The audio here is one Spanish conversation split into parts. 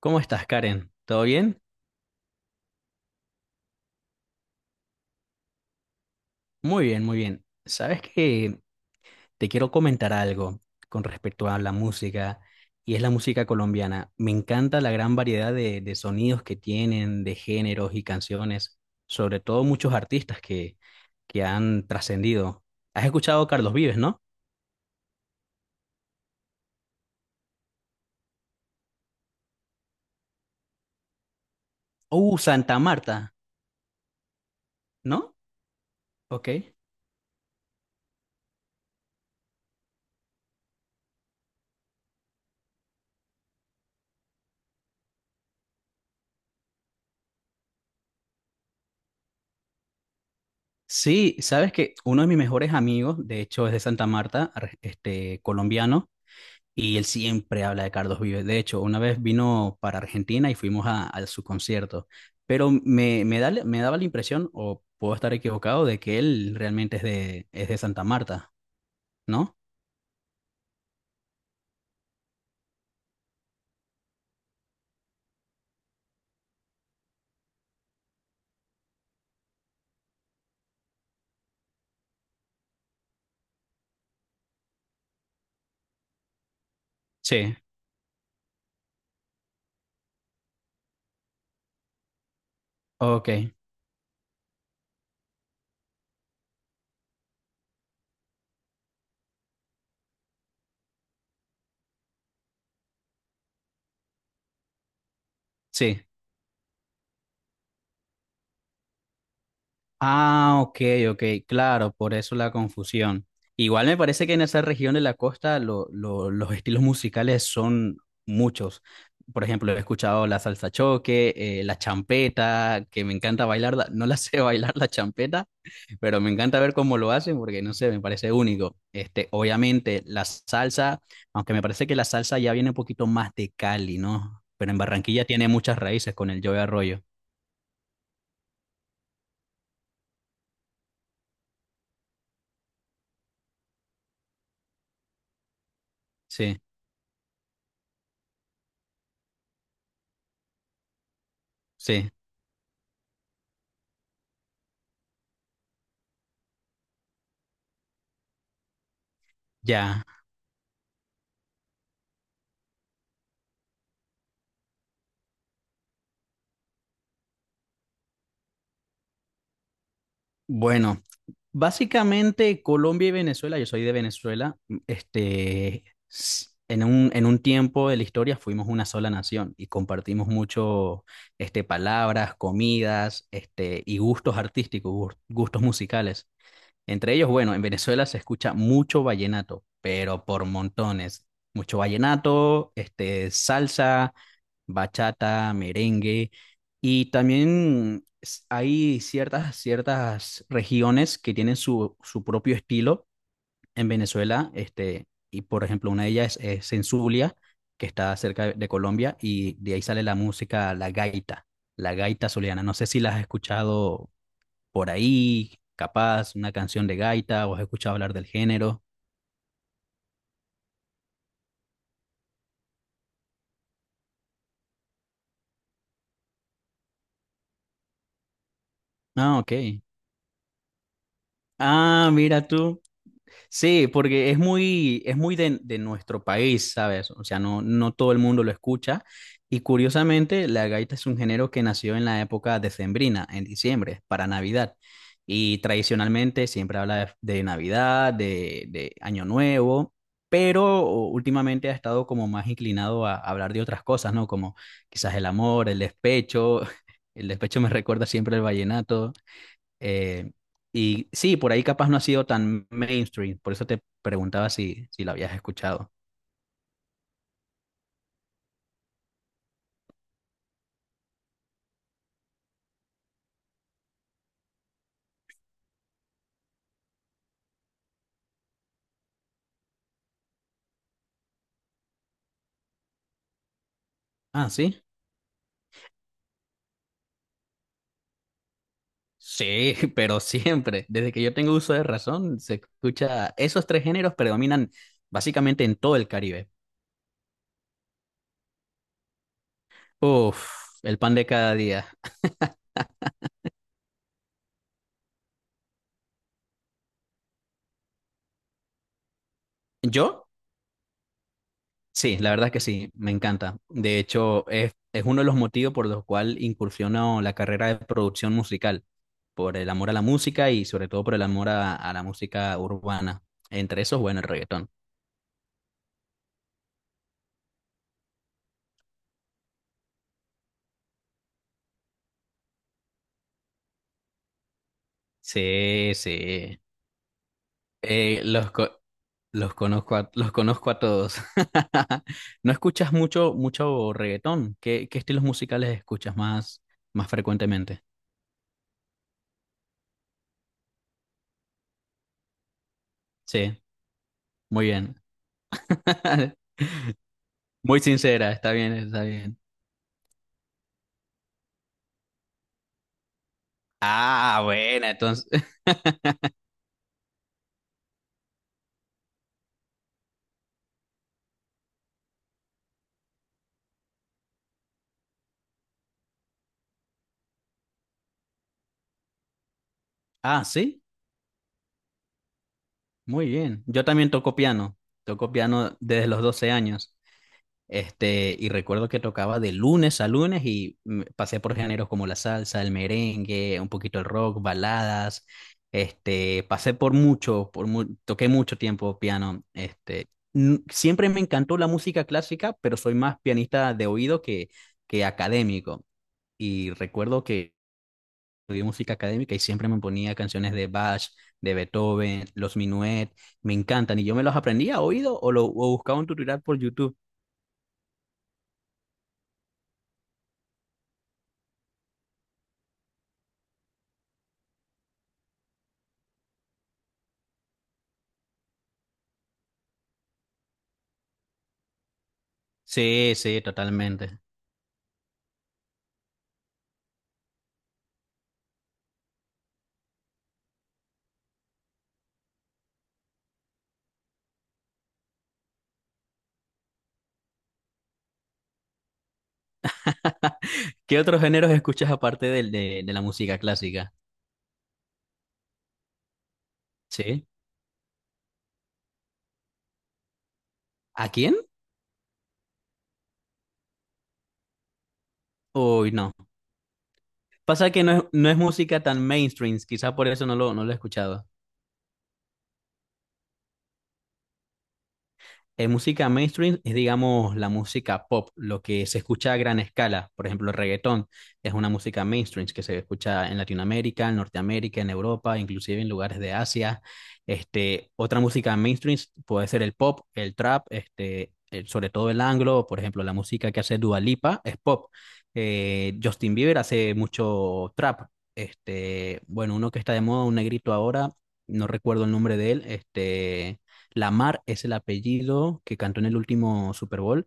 ¿Cómo estás, Karen? ¿Todo bien? Muy bien, muy bien. Sabes que te quiero comentar algo con respecto a la música, y es la música colombiana. Me encanta la gran variedad de sonidos que tienen, de géneros y canciones, sobre todo muchos artistas que han trascendido. ¿Has escuchado a Carlos Vives, no? Santa Marta, ¿no? Ok. Sí, sabes que uno de mis mejores amigos, de hecho, es de Santa Marta, colombiano. Y él siempre habla de Carlos Vives. De hecho, una vez vino para Argentina y fuimos a su concierto. Pero me daba la impresión, o puedo estar equivocado, de que él realmente es es de Santa Marta, ¿no? Sí, ok, sí. Ah, ok, ok, claro, por eso la confusión. Igual me parece que en esa región de la costa los estilos musicales son muchos. Por ejemplo, he escuchado la salsa choque, la champeta, que me encanta bailarla. No la sé bailar la champeta, pero me encanta ver cómo lo hacen porque no sé, me parece único. Obviamente la salsa, aunque me parece que la salsa ya viene un poquito más de Cali, ¿no? Pero en Barranquilla tiene muchas raíces con el Joe Arroyo. Sí, sí, ya. Bueno. Básicamente, Colombia y Venezuela, yo soy de Venezuela, en un tiempo de la historia fuimos una sola nación y compartimos mucho, palabras, comidas, y gustos artísticos, gustos musicales. Entre ellos, bueno, en Venezuela se escucha mucho vallenato, pero por montones. Mucho vallenato, salsa, bachata, merengue. Y también hay ciertas regiones que tienen su propio estilo en Venezuela. Y por ejemplo, una de ellas es en Zulia, que está cerca de Colombia, y de ahí sale la música, la gaita zuliana. No sé si la has escuchado por ahí, capaz, una canción de gaita, o has escuchado hablar del género. Ah, ok. Ah, mira tú. Sí, porque es muy de nuestro país, ¿sabes? O sea, no, no todo el mundo lo escucha. Y curiosamente, la gaita es un género que nació en la época decembrina, en diciembre, para Navidad. Y tradicionalmente siempre habla de Navidad, de Año Nuevo, pero últimamente ha estado como más inclinado a hablar de otras cosas, ¿no? Como quizás el amor, el despecho. El despecho me recuerda siempre el vallenato eh, y sí, por ahí capaz no ha sido tan mainstream, por eso te preguntaba si la habías escuchado. Ah, sí. Sí, pero siempre, desde que yo tengo uso de razón, se escucha, esos tres géneros predominan básicamente en todo el Caribe. Uf, el pan de cada día. ¿Yo? Sí, la verdad que sí, me encanta. De hecho, es uno de los motivos por los cuales incursiono la carrera de producción musical, por el amor a la música y sobre todo por el amor a la música urbana. Entre esos, bueno, el reggaetón. Sí, sí. Eh, los, co- los conozco los conozco a todos. ¿No escuchas mucho, mucho reggaetón? Qué estilos musicales escuchas más, más frecuentemente? Sí, muy bien. Muy sincera, está bien, está bien. Ah, bueno, entonces. Ah, sí, muy bien. Yo también toco piano. Toco piano desde los 12 años. Y recuerdo que tocaba de lunes a lunes y pasé por géneros como la salsa, el merengue, un poquito el rock, baladas. Pasé por mucho, toqué mucho tiempo piano. Siempre me encantó la música clásica, pero soy más pianista de oído que académico. Y recuerdo que estudié música académica y siempre me ponía canciones de Bach, de Beethoven, los Minuet, me encantan y yo me los aprendía a oído o lo o buscaba un tutorial por YouTube. Sí, sí, totalmente. ¿Qué otros géneros escuchas aparte de la música clásica? ¿Sí? ¿A quién? Uy, no. Pasa que no es, no es música tan mainstream. Quizá por eso no lo, no lo he escuchado. Música mainstream es, digamos, la música pop, lo que se escucha a gran escala. Por ejemplo, el reggaetón es una música mainstream que se escucha en Latinoamérica, en Norteamérica, en Europa, inclusive en lugares de Asia. Otra música mainstream puede ser el pop, el trap, sobre todo el anglo. Por ejemplo, la música que hace Dua Lipa es pop. Justin Bieber hace mucho trap. Bueno, uno que está de moda, un negrito ahora, no recuerdo el nombre de él. Este Lamar es el apellido que cantó en el último Super Bowl.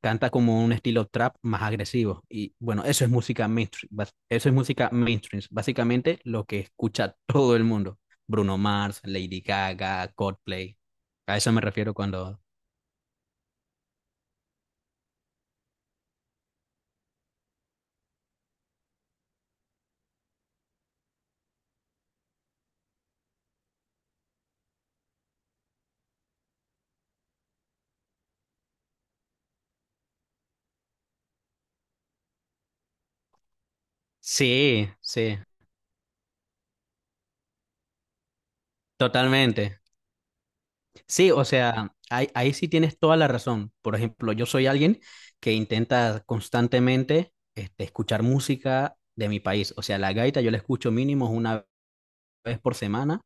Canta como un estilo trap más agresivo. Y bueno, eso es música mainstream. Eso es música mainstream. Básicamente lo que escucha todo el mundo. Bruno Mars, Lady Gaga, Coldplay. A eso me refiero cuando... Sí, sí, totalmente. Sí, o sea, ahí sí tienes toda la razón. Por ejemplo, yo soy alguien que intenta constantemente escuchar música de mi país. O sea, la gaita yo la escucho mínimo una vez por semana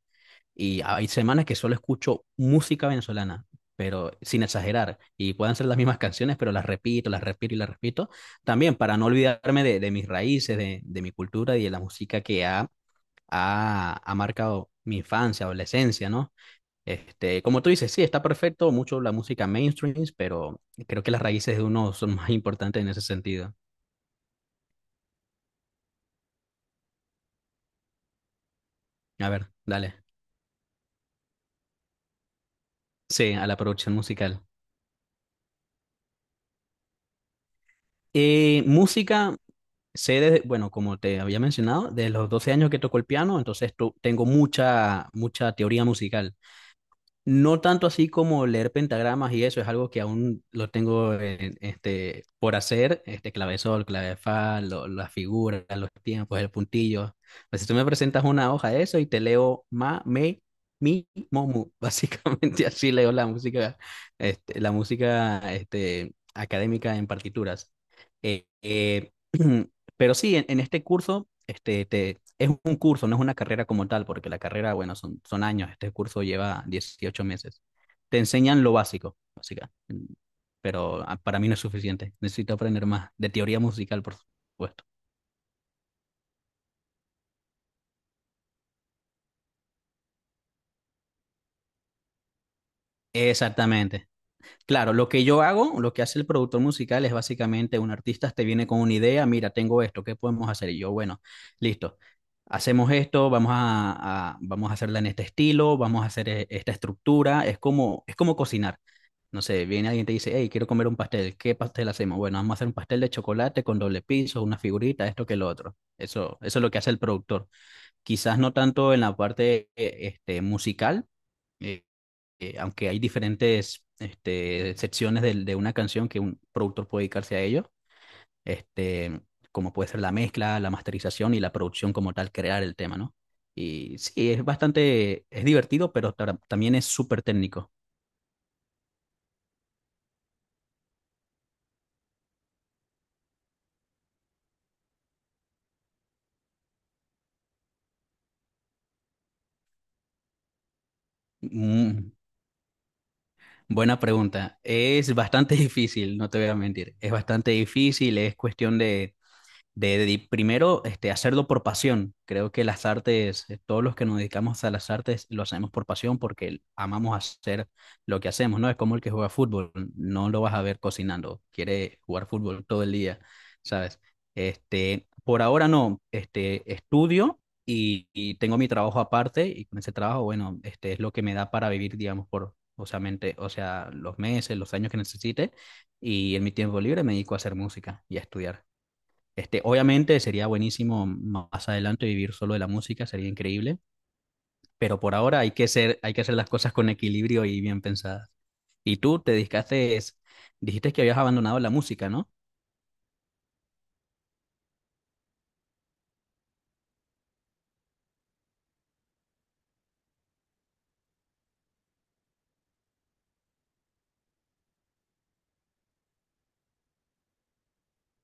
y hay semanas que solo escucho música venezolana, pero sin exagerar. Y pueden ser las mismas canciones, pero las repito y las repito. También para no olvidarme de mis raíces, de mi cultura y de la música que ha marcado mi infancia, adolescencia, ¿no? Como tú dices, sí, está perfecto, mucho la música mainstream, pero creo que las raíces de uno son más importantes en ese sentido. A ver, dale. Sí, a la producción musical. Música sé, desde- bueno, como te había mencionado, de los 12 años que toco el piano, entonces tengo mucha, mucha teoría musical. No tanto así como leer pentagramas y eso, es algo que aún lo tengo por hacer, este clavesol, clave fa, las figuras, los tiempos, el puntillo. Pues si tú me presentas una hoja de eso y te leo ma, me, mi, mo, mu, básicamente así leo la música, la música académica en partituras. Eh, eh, Pero sí, en este curso, es un curso, no es una carrera como tal, porque la carrera, bueno, son años, este curso lleva 18 meses. Te enseñan lo básico, básicamente, pero para mí no es suficiente. Necesito aprender más de teoría musical, por supuesto. Exactamente, claro, lo que yo hago, lo que hace el productor musical es básicamente un artista te viene con una idea, mira, tengo esto, ¿qué podemos hacer? Y yo, bueno, listo, hacemos esto, vamos a hacerla en este estilo, vamos a hacer esta estructura, es como cocinar. No sé, viene alguien y te dice, hey, quiero comer un pastel, ¿qué pastel hacemos? Bueno, vamos a hacer un pastel de chocolate con doble piso, una figurita, esto que lo otro. Eso es lo que hace el productor. Quizás no tanto en la parte musical, eh, aunque hay diferentes secciones una canción que un productor puede dedicarse a ello, este, como puede ser la mezcla, la masterización y la producción como tal, crear el tema, ¿no? Y sí, es bastante, es divertido, pero también es súper técnico. Mm, buena pregunta. Es bastante difícil, no te voy a mentir. Es bastante difícil, es cuestión de primero hacerlo por pasión. Creo que las artes, todos los que nos dedicamos a las artes lo hacemos por pasión porque amamos hacer lo que hacemos, ¿no? Es como el que juega fútbol, no lo vas a ver cocinando, quiere jugar fútbol todo el día, ¿sabes? Por ahora no, estudio y tengo mi trabajo aparte y con ese trabajo, bueno, este es lo que me da para vivir, digamos, por, o sea, mente- o sea, los meses, los años que necesite y en mi tiempo libre me dedico a hacer música y a estudiar. Obviamente sería buenísimo más adelante vivir solo de la música, sería increíble, pero por ahora hay que ser, hay que hacer las cosas con equilibrio y bien pensadas. Y tú te dedicaste, dijiste que habías abandonado la música, ¿no?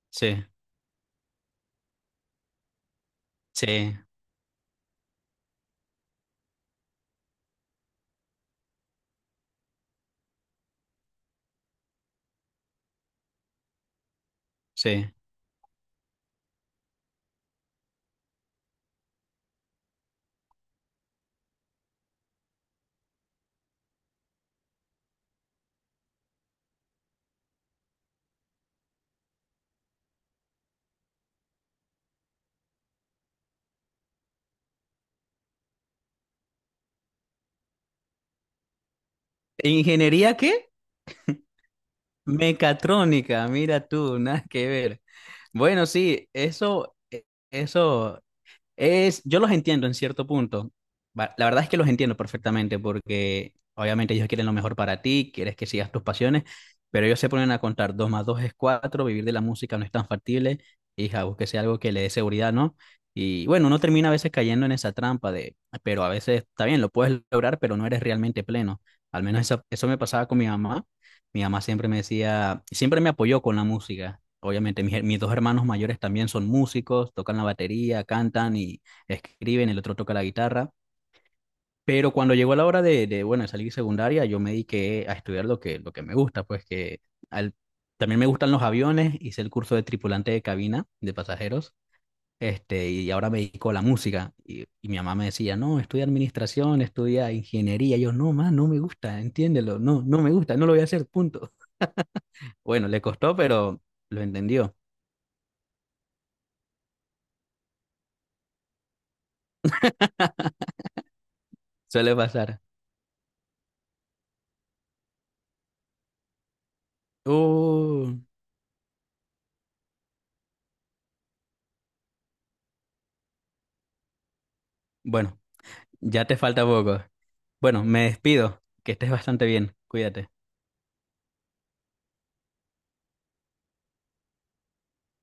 Sí, sí, sí. ¿Ingeniería qué? Mecatrónica, mira tú, nada que ver. Bueno, sí, eso es, yo los entiendo en cierto punto. La verdad es que los entiendo perfectamente porque obviamente ellos quieren lo mejor para ti, quieres que sigas tus pasiones, pero ellos se ponen a contar 2 más 2 es 4, vivir de la música no es tan factible, hija, búsquese algo que le dé seguridad, ¿no? Y bueno, uno termina a veces cayendo en esa trampa de, pero a veces está bien, lo puedes lograr, pero no eres realmente pleno. Al menos eso me pasaba con mi mamá. Mi mamá siempre me decía, siempre me apoyó con la música. Obviamente, mis 2 hermanos mayores también son músicos, tocan la batería, cantan y escriben, el otro toca la guitarra. Pero cuando llegó la hora bueno, de salir secundaria, yo me dediqué a estudiar lo que me gusta, pues que al- también me gustan los aviones, hice el curso de tripulante de cabina de pasajeros, y ahora me dedico a la música. Y mi mamá me decía, no, estudia administración, estudia ingeniería. Yo, no, mamá, no me gusta, entiéndelo, no, no me gusta, no lo voy a hacer, punto. Bueno, le costó, pero lo entendió. Suele pasar. Uh, bueno, ya te falta poco. Bueno, me despido. Que estés bastante bien. Cuídate.